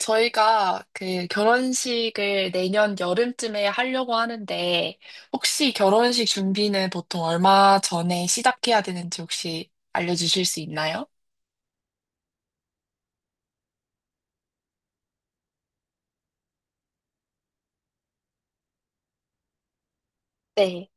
저희가 그 결혼식을 내년 여름쯤에 하려고 하는데, 혹시 결혼식 준비는 보통 얼마 전에 시작해야 되는지 혹시 알려주실 수 있나요? 네.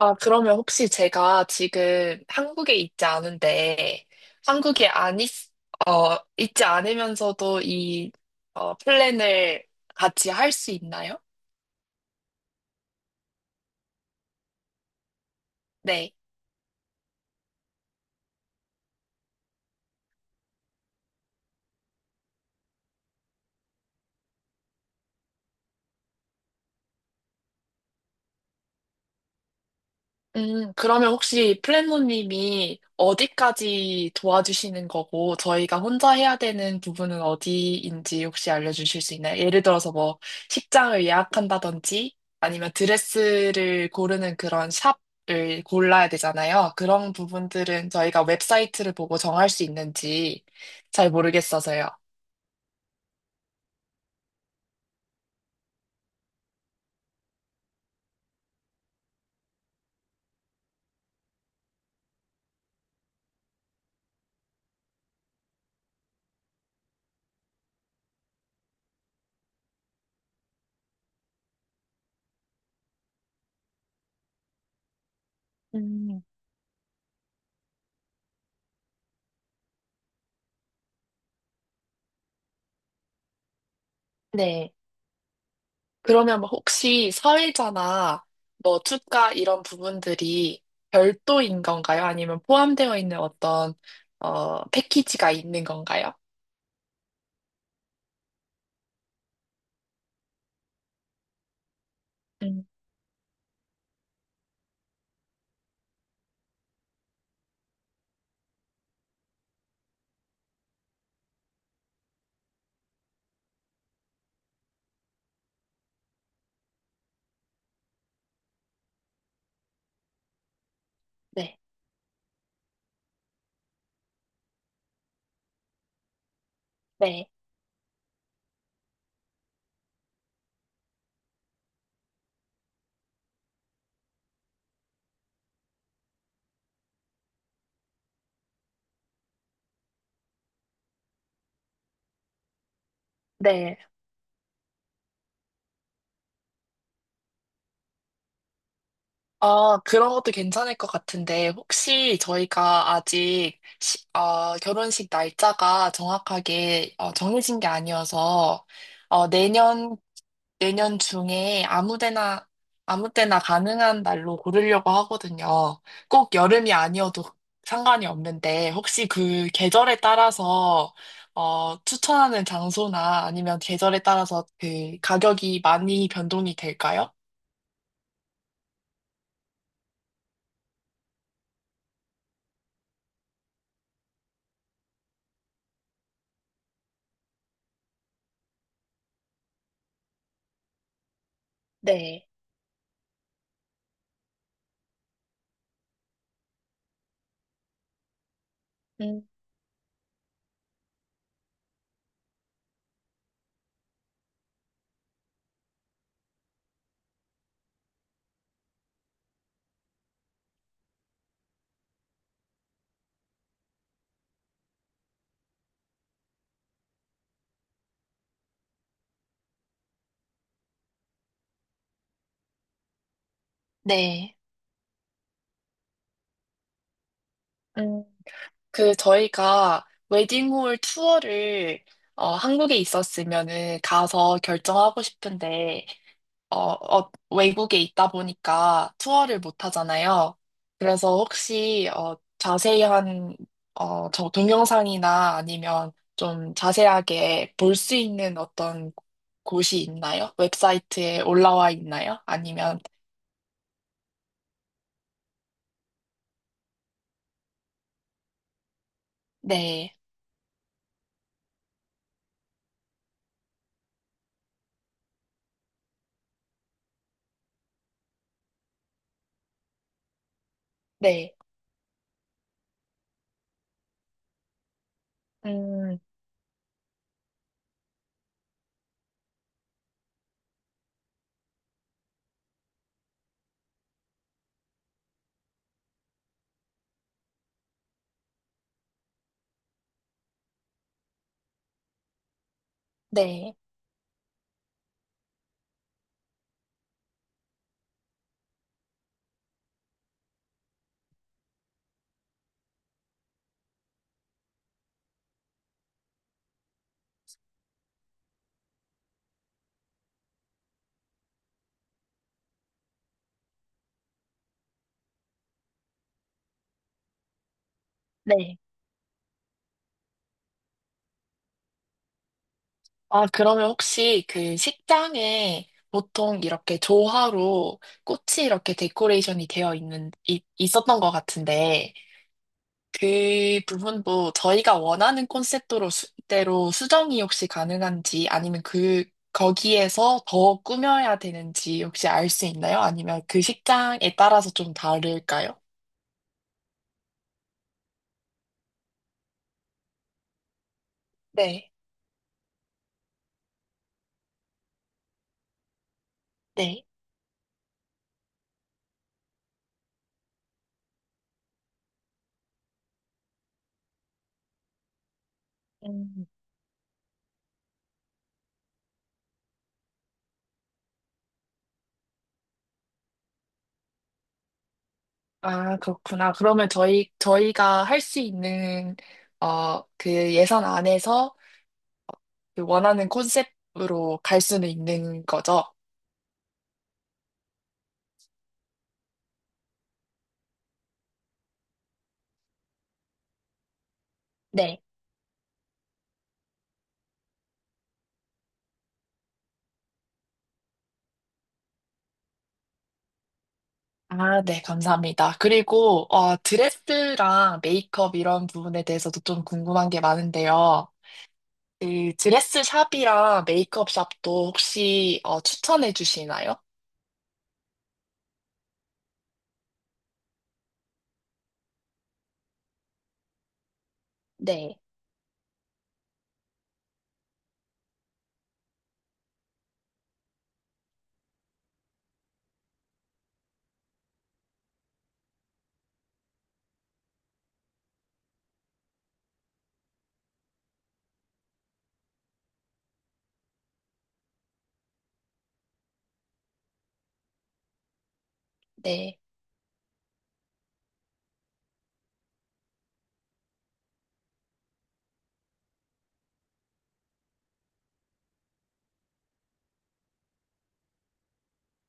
아, 그러면 혹시 제가 지금 한국에 있지 않은데, 한국에 안 있, 있지 않으면서도 플랜을 같이 할 수 있나요? 네. 그러면 혹시 플랫노님이 어디까지 도와주시는 거고, 저희가 혼자 해야 되는 부분은 어디인지 혹시 알려주실 수 있나요? 예를 들어서 뭐, 식장을 예약한다든지, 아니면 드레스를 고르는 그런 샵을 골라야 되잖아요. 그런 부분들은 저희가 웹사이트를 보고 정할 수 있는지, 잘 모르겠어서요. 음. 네. 그러면 뭐 혹시 사회자나 뭐 투자 이런 부분들이 별도인 건가요? 아니면 포함되어 있는 어떤 패키지가 있는 건가요? 음, 네. 네. 아, 그런 것도 괜찮을 것 같은데, 혹시 저희가 결혼식 날짜가 정확하게 정해진 게 아니어서, 어, 내년, 내년 중에 아무 데나, 아무 때나 가능한 날로 고르려고 하거든요. 꼭 여름이 아니어도 상관이 없는데, 혹시 그 계절에 따라서, 추천하는 장소나 아니면 계절에 따라서 그 가격이 많이 변동이 될까요? 네. 음. 네. 음, 그 저희가 웨딩홀 투어를 한국에 있었으면은 가서 결정하고 싶은데 외국에 있다 보니까 투어를 못 하잖아요. 그래서 혹시 자세한 저 동영상이나 아니면 좀 자세하게 볼 수 있는 어떤 곳이 있나요? 웹사이트에 올라와 있나요? 아니면 네, 네, 음, 네, 네. 아, 그러면 혹시 그 식장에 보통 이렇게 조화로 꽃이 이렇게 데코레이션이 되어 있었던 것 같은데, 그 부분도 저희가 원하는 콘셉트로 수, 대로 수정이 혹시 가능한지, 아니면 그, 거기에서 더 꾸며야 되는지 혹시 알 수 있나요? 아니면 그 식장에 따라서 좀 다를까요? 네, 네. 음, 아, 그렇구나. 그러면 저희가 할 수 있는, 그 예산 안에서 그 원하는 콘셉트로 갈 수는 있는 거죠? 네. 아, 네, 감사합니다. 그리고, 드레스랑 메이크업 이런 부분에 대해서도 좀 궁금한 게 많은데요. 그 드레스 샵이랑 메이크업 샵도 혹시, 추천해 주시나요? 네. 네.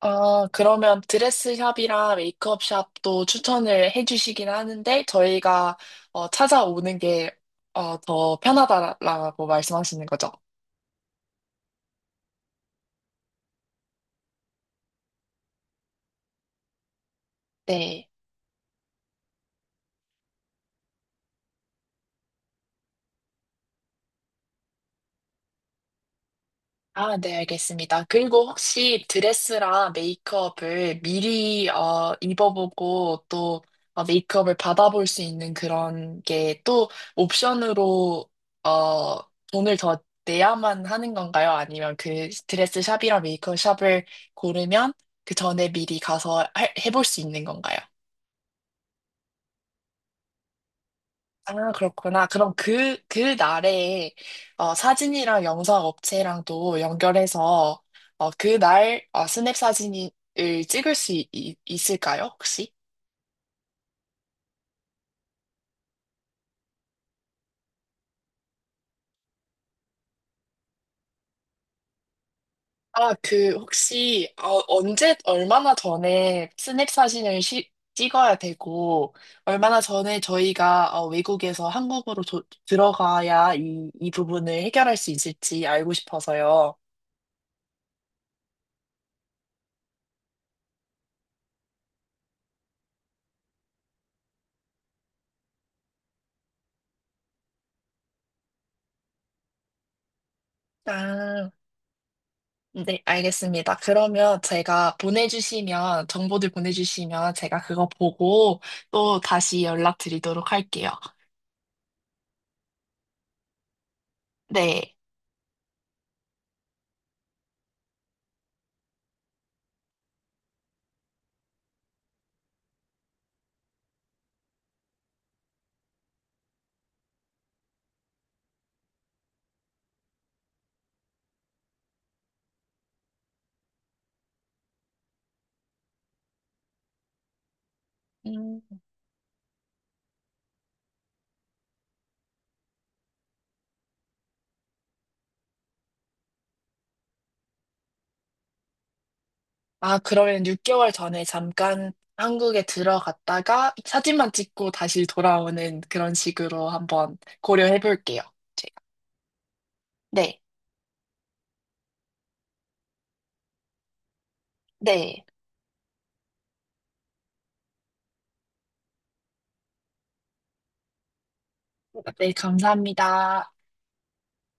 아, 그러면 드레스샵이랑 메이크업샵도 추천을 해주시긴 하는데, 저희가 찾아오는 게 더 편하다라고 말씀하시는 거죠? 네. 아, 네, 알겠습니다. 그리고 혹시 드레스랑 메이크업을 미리 입어보고 또 메이크업을 받아볼 수 있는 그런 게 또 옵션으로 어, 돈을 더 내야만 하는 건가요? 아니면 그 드레스 샵이랑 메이크업 샵을 고르면 그 전에 미리 가서 해볼 수 있는 건가요? 아, 그렇구나. 그럼 그 날에, 사진이랑 영상 업체랑도 연결해서, 어, 그 날, 스냅 사진을 찍을 수 있, 있- 있을까요, 혹시? 혹시, 얼마나 전에 스냅 사진을 찍어야 되고, 얼마나 전에 저희가, 외국에서 한국으로 들어가야 이 부분을 해결할 수 있을지 알고 싶어서요. 아. 네, 알겠습니다. 그러면 제가 보내주시면, 정보들 보내주시면 제가 그거 보고 또 다시 연락드리도록 할게요. 네. 음. 아, 그러면 6개월 전에 잠깐 한국에 들어갔다가 사진만 찍고 다시 돌아오는 그런 식으로 한번 고려해 볼게요. 네, 네. 네, 감사합니다.